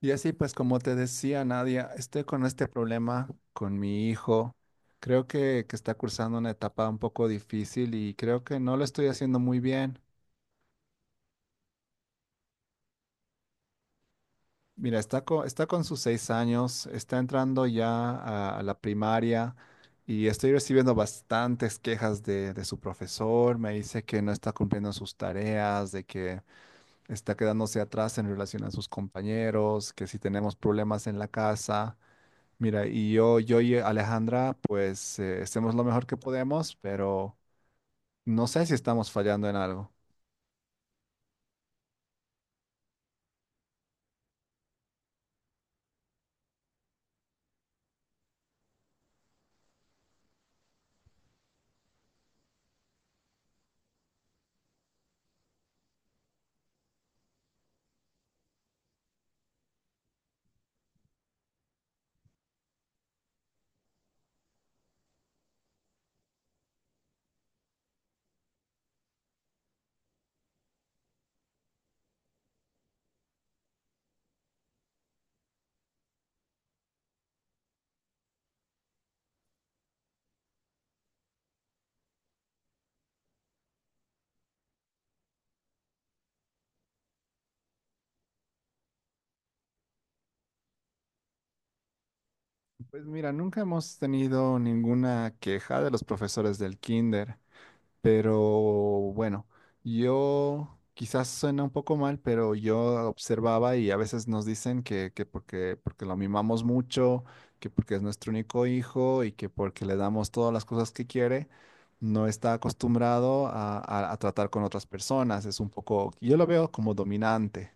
Y así pues como te decía Nadia, estoy con este problema con mi hijo. Creo que está cursando una etapa un poco difícil y creo que no lo estoy haciendo muy bien. Mira, está con sus 6 años, está entrando ya a la primaria y estoy recibiendo bastantes quejas de su profesor. Me dice que no está cumpliendo sus tareas, de que está quedándose atrás en relación a sus compañeros, que si tenemos problemas en la casa. Mira, y yo y Alejandra, pues hacemos lo mejor que podemos, pero no sé si estamos fallando en algo. Pues mira, nunca hemos tenido ninguna queja de los profesores del kinder. Pero bueno, yo quizás suena un poco mal, pero yo observaba y a veces nos dicen que porque lo mimamos mucho, que porque es nuestro único hijo y que porque le damos todas las cosas que quiere, no está acostumbrado a tratar con otras personas. Es un poco, yo lo veo como dominante.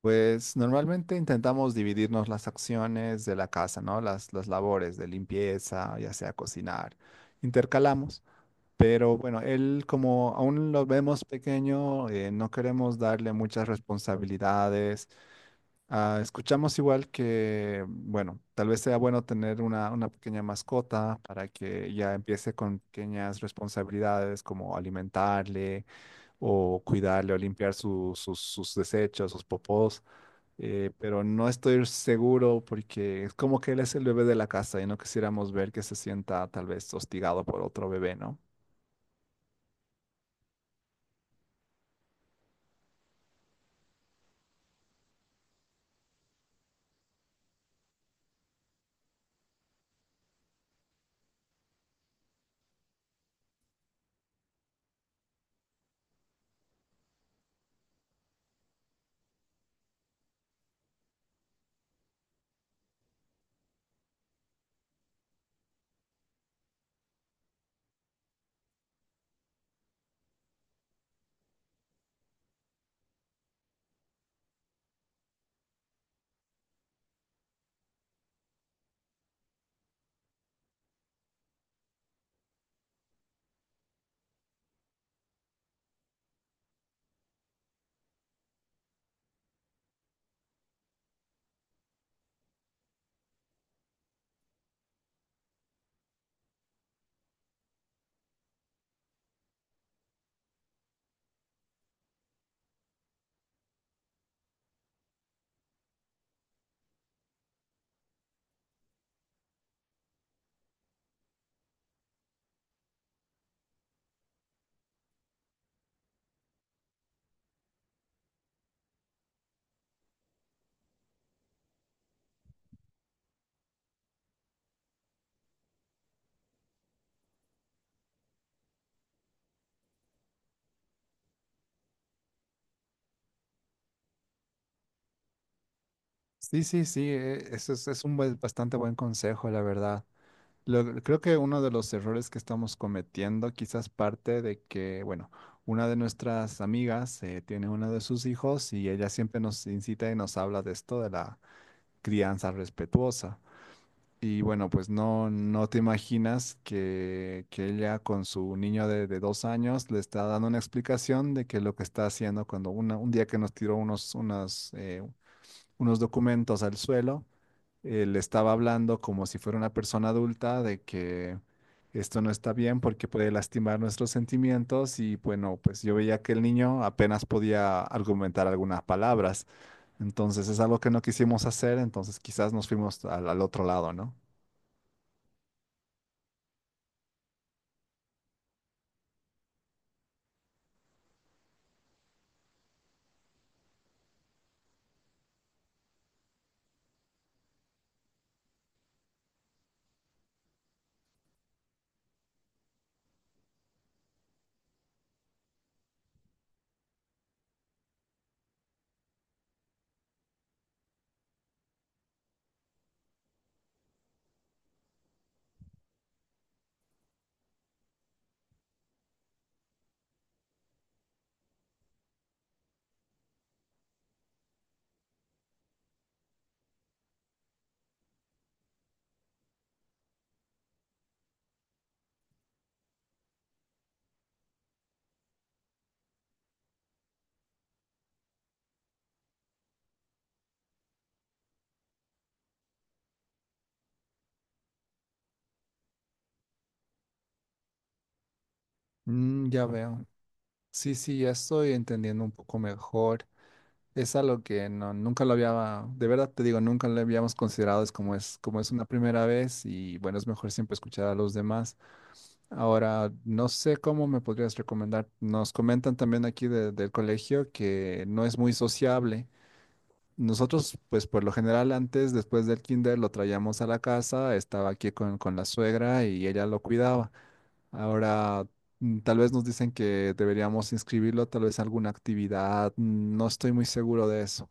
Pues normalmente intentamos dividirnos las acciones de la casa, ¿no? Las labores de limpieza, ya sea cocinar. Intercalamos. Pero bueno, él como aún lo vemos pequeño, no queremos darle muchas responsabilidades. Ah, escuchamos igual que, bueno, tal vez sea bueno tener una pequeña mascota para que ya empiece con pequeñas responsabilidades como alimentarle o cuidarle o limpiar sus desechos, sus popós. Pero no estoy seguro porque es como que él es el bebé de la casa y no quisiéramos ver que se sienta tal vez hostigado por otro bebé, ¿no? Sí, sí, sí, eso es un buen- bastante buen consejo, la verdad. Lo- creo que uno de los errores que estamos cometiendo, quizás parte de que, bueno, una de nuestras amigas tiene uno de sus hijos y ella siempre nos incita y nos habla de esto, de la crianza respetuosa. Y bueno, pues no, no te imaginas que ella con su niño de 2 años le está dando una explicación de que lo que está haciendo cuando una- un día que nos tiró unos, unas, unos documentos al suelo le estaba hablando como si fuera una persona adulta de que esto no está bien porque puede lastimar nuestros sentimientos y bueno, pues yo veía que el niño apenas podía argumentar algunas palabras. Entonces es algo que no quisimos hacer, entonces quizás nos fuimos al otro lado, ¿no? Mm, ya veo. Sí, sí, ya estoy entendiendo un poco mejor. Es algo que no, nunca lo había, de verdad te digo, nunca lo habíamos considerado, es como es, como es una primera vez y bueno, es mejor siempre escuchar a los demás. Ahora, no sé cómo me podrías recomendar. Nos comentan también aquí de- del colegio que no es muy sociable. Nosotros, pues por lo general antes, después del kinder, lo traíamos a la casa, estaba aquí con la suegra y ella lo cuidaba. Ahora, mm, tal vez nos dicen que deberíamos inscribirlo, tal vez a alguna actividad. No estoy muy seguro de eso.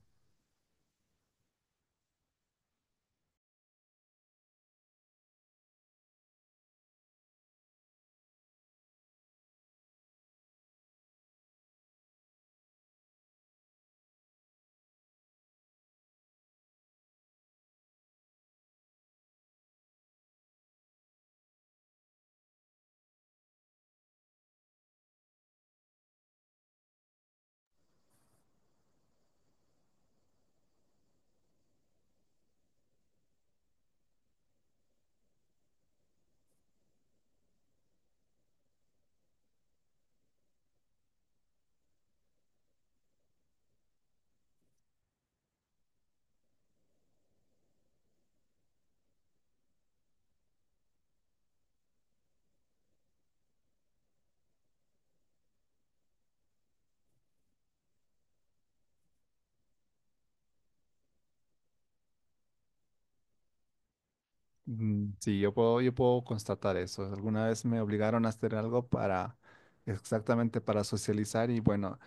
Mm, sí, yo puedo constatar eso. Alguna vez me obligaron a hacer algo para, exactamente para socializar y bueno.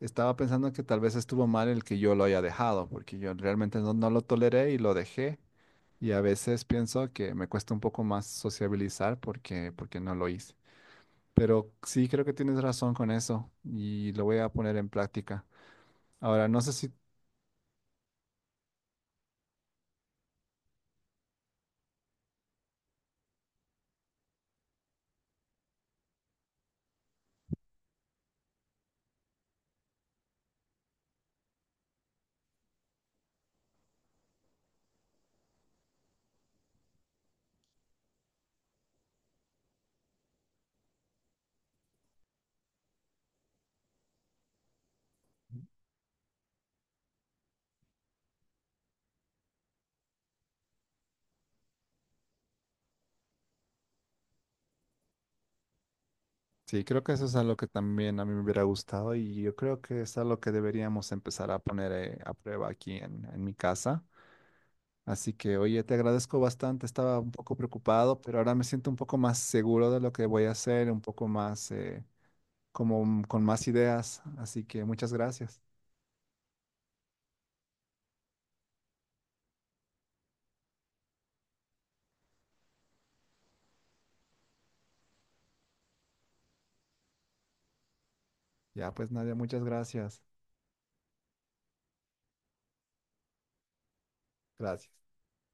Estaba pensando que tal vez estuvo mal el que yo lo haya dejado, porque yo realmente no lo toleré y lo dejé. Y a veces pienso que me cuesta un poco más sociabilizar porque no lo hice. Pero sí creo que tienes razón con eso y lo voy a poner en práctica. Ahora, no sé si, sí, creo que eso es algo que también a mí me hubiera gustado y yo creo que es algo que deberíamos empezar a poner a prueba aquí en mi casa. Así que, oye, te agradezco bastante, estaba un poco preocupado, pero ahora me siento un poco más seguro de lo que voy a hacer, un poco más, como mm, con más ideas. Así que muchas gracias. Ya, pues Nadia, muchas gracias. Gracias.